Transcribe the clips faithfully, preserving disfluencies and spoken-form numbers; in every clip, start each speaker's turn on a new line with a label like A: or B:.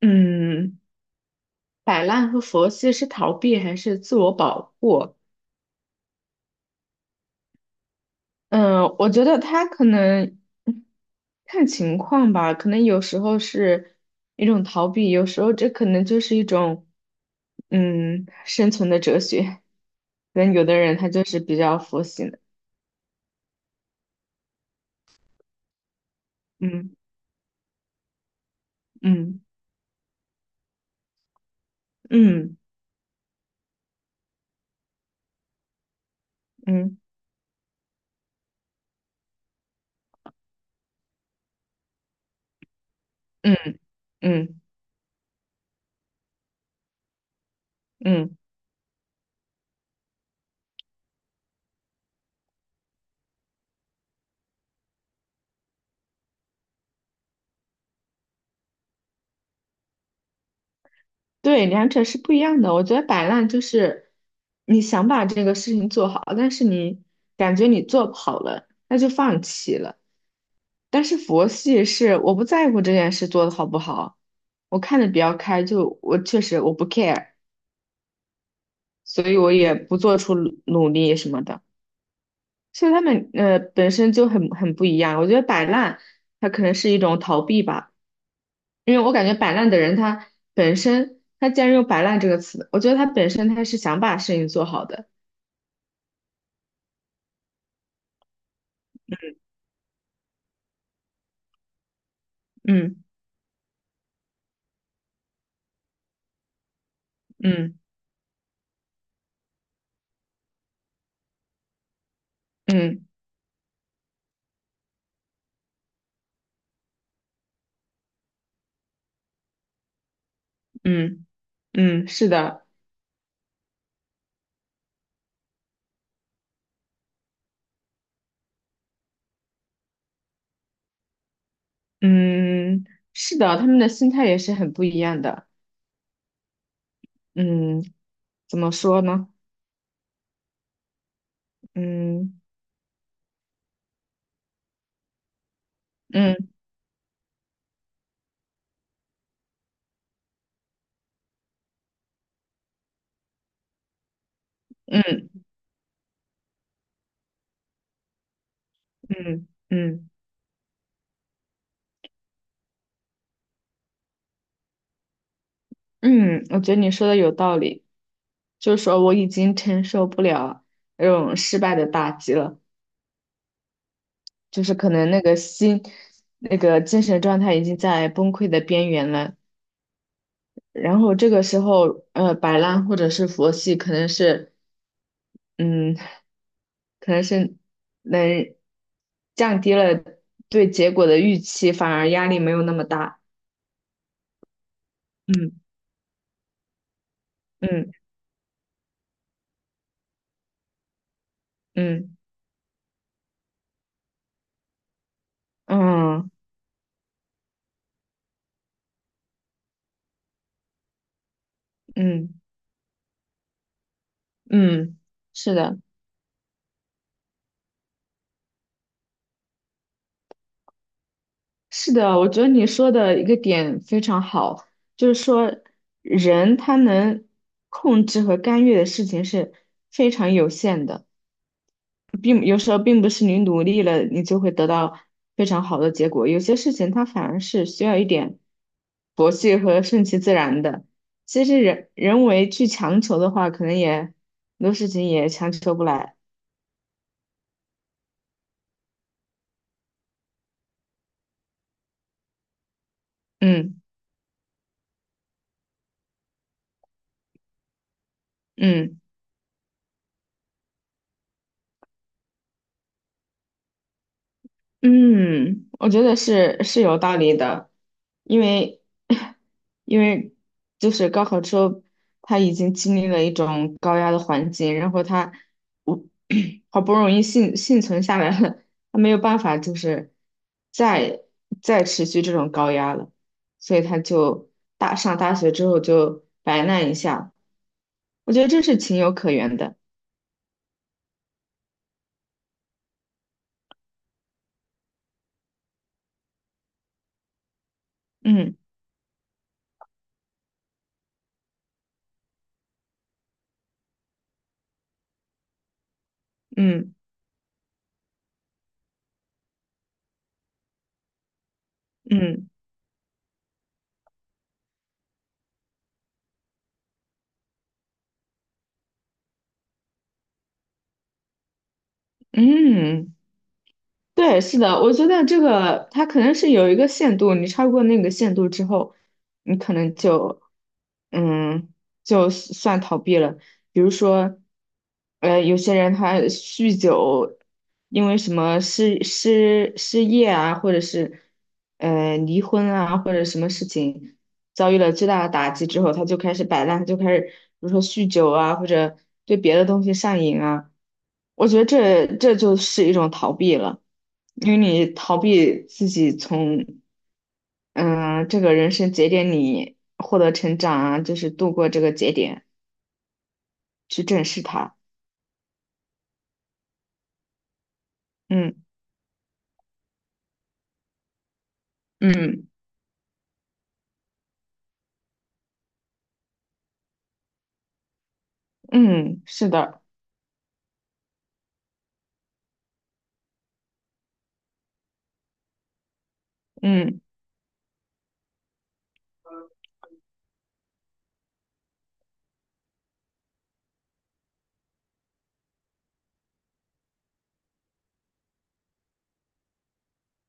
A: 嗯，摆烂和佛系是逃避还是自我保护？嗯，我觉得他可能嗯看情况吧，可能有时候是一种逃避，有时候这可能就是一种嗯生存的哲学。可能有的人他就是比较佛系的。嗯嗯嗯嗯嗯嗯嗯。对，两者是不一样的。我觉得摆烂就是你想把这个事情做好，但是你感觉你做不好了，那就放弃了。但是佛系是我不在乎这件事做得好不好，我看的比较开，就我确实我不 care，所以我也不做出努努力什么的。其实他们呃本身就很很不一样，我觉得摆烂它可能是一种逃避吧，因为我感觉摆烂的人他本身他既然用摆烂这个词，我觉得他本身他是想把事情做好的。嗯嗯嗯嗯嗯，是的，嗯是的，他们的心态也是很不一样的。嗯，怎么说呢？嗯嗯嗯嗯嗯嗯，我觉得你说的有道理。就是说我已经承受不了那种失败的打击了，就是可能那个心，那个精神状态已经在崩溃的边缘了。然后这个时候，呃，摆烂或者是佛系，可能是，嗯，可能是能降低了对结果的预期，反而压力没有那么大。嗯嗯嗯嗯嗯嗯，是的。是的，我觉得你说的一个点非常好，就是说人他能控制和干预的事情是非常有限的，并有时候并不是你努力了你就会得到非常好的结果，有些事情它反而是需要一点佛系和顺其自然的。其实人人为去强求的话，可能也很多事情也强求不来。嗯嗯。嗯，我觉得是是有道理的，因为 因为就是高考之后，他已经经历了一种高压的环境，然后他我 好不容易幸幸存下来了，他没有办法就是再再持续这种高压了，所以他就大上大学之后就摆烂一下，我觉得这是情有可原的。嗯嗯嗯嗯。嗯对，是的，我觉得这个他可能是有一个限度，你超过那个限度之后，你可能就，嗯，就是算逃避了。比如说，呃，有些人他酗酒，因为什么失失失业啊，或者是呃离婚啊，或者什么事情，遭遇了巨大的打击之后，他就开始摆烂，就开始比如说酗酒啊，或者对别的东西上瘾啊。我觉得这这就是一种逃避了，因为你逃避自己从嗯、呃这个人生节点里获得成长啊，就是度过这个节点，去正视它。嗯嗯嗯，是的，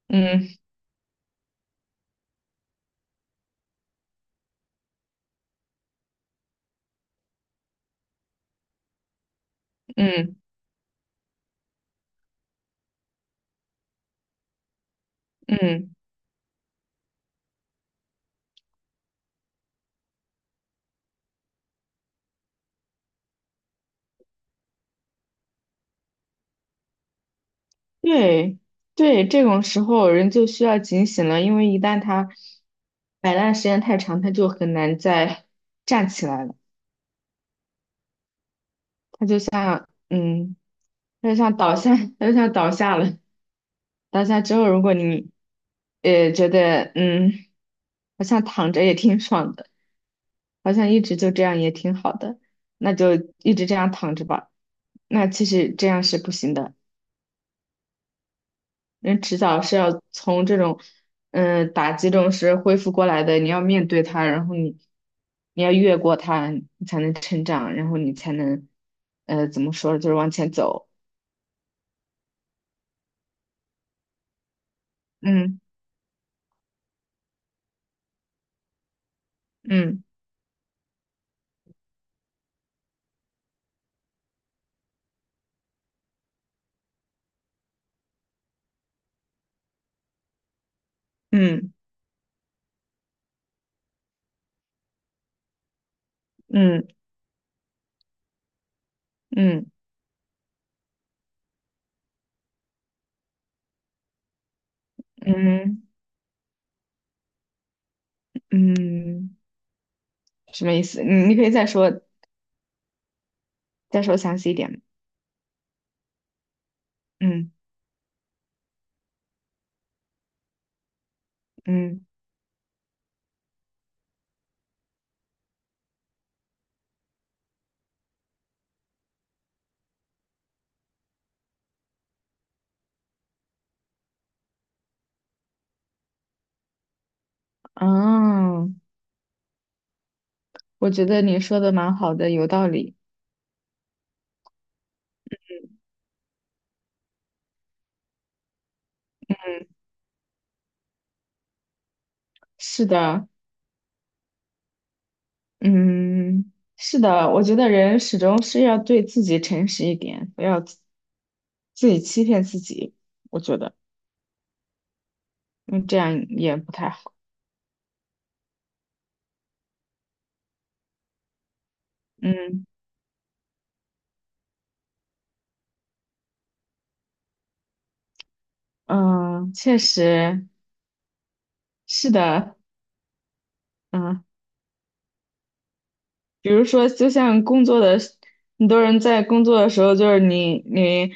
A: 嗯嗯嗯嗯。嗯对对，这种时候人就需要警醒了，因为一旦他摆烂时间太长，他就很难再 站起来了。他就像，嗯，他就像倒下，他就像倒下了。倒下之后，如果你，呃，觉得，嗯，好像躺着也挺爽的，好像一直就这样也挺好的，那就一直这样躺着吧。那其实这样是不行的。人迟早是要从这种嗯打击中是恢复过来的，你要面对它，然后你你要越过它，你才能成长，然后你才能呃怎么说，就是往前走。嗯嗯嗯嗯嗯嗯嗯，什么意思？你你可以再说再说详细一点。嗯嗯啊，我觉得你说的蛮好的，有道理。是的，嗯，是的，我觉得人始终是要对自己诚实一点，不要自自己欺骗自己。我觉得，嗯，这样也不太好。嗯嗯，确实是的。嗯，比如说，就像工作的时，很多人在工作的时候，就是你你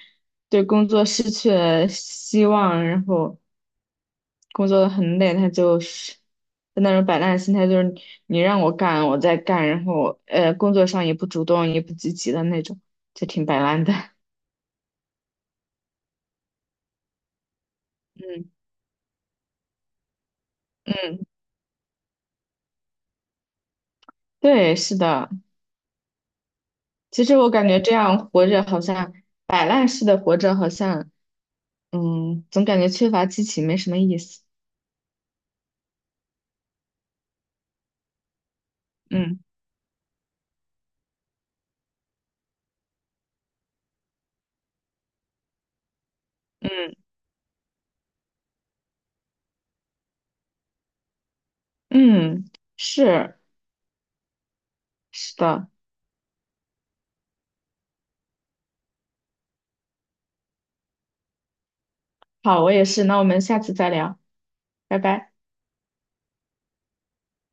A: 对工作失去了希望，然后工作得很累，他就是就那种摆烂的心态，就是你让我干，我在干，然后呃，工作上也不主动，也不积极的那种，就挺摆烂的。嗯，嗯，对，是的。其实我感觉这样活着好像摆烂似的活着，好像嗯，总感觉缺乏激情，没什么意思。嗯嗯嗯，是是的。好，我也是。那我们下次再聊，拜拜。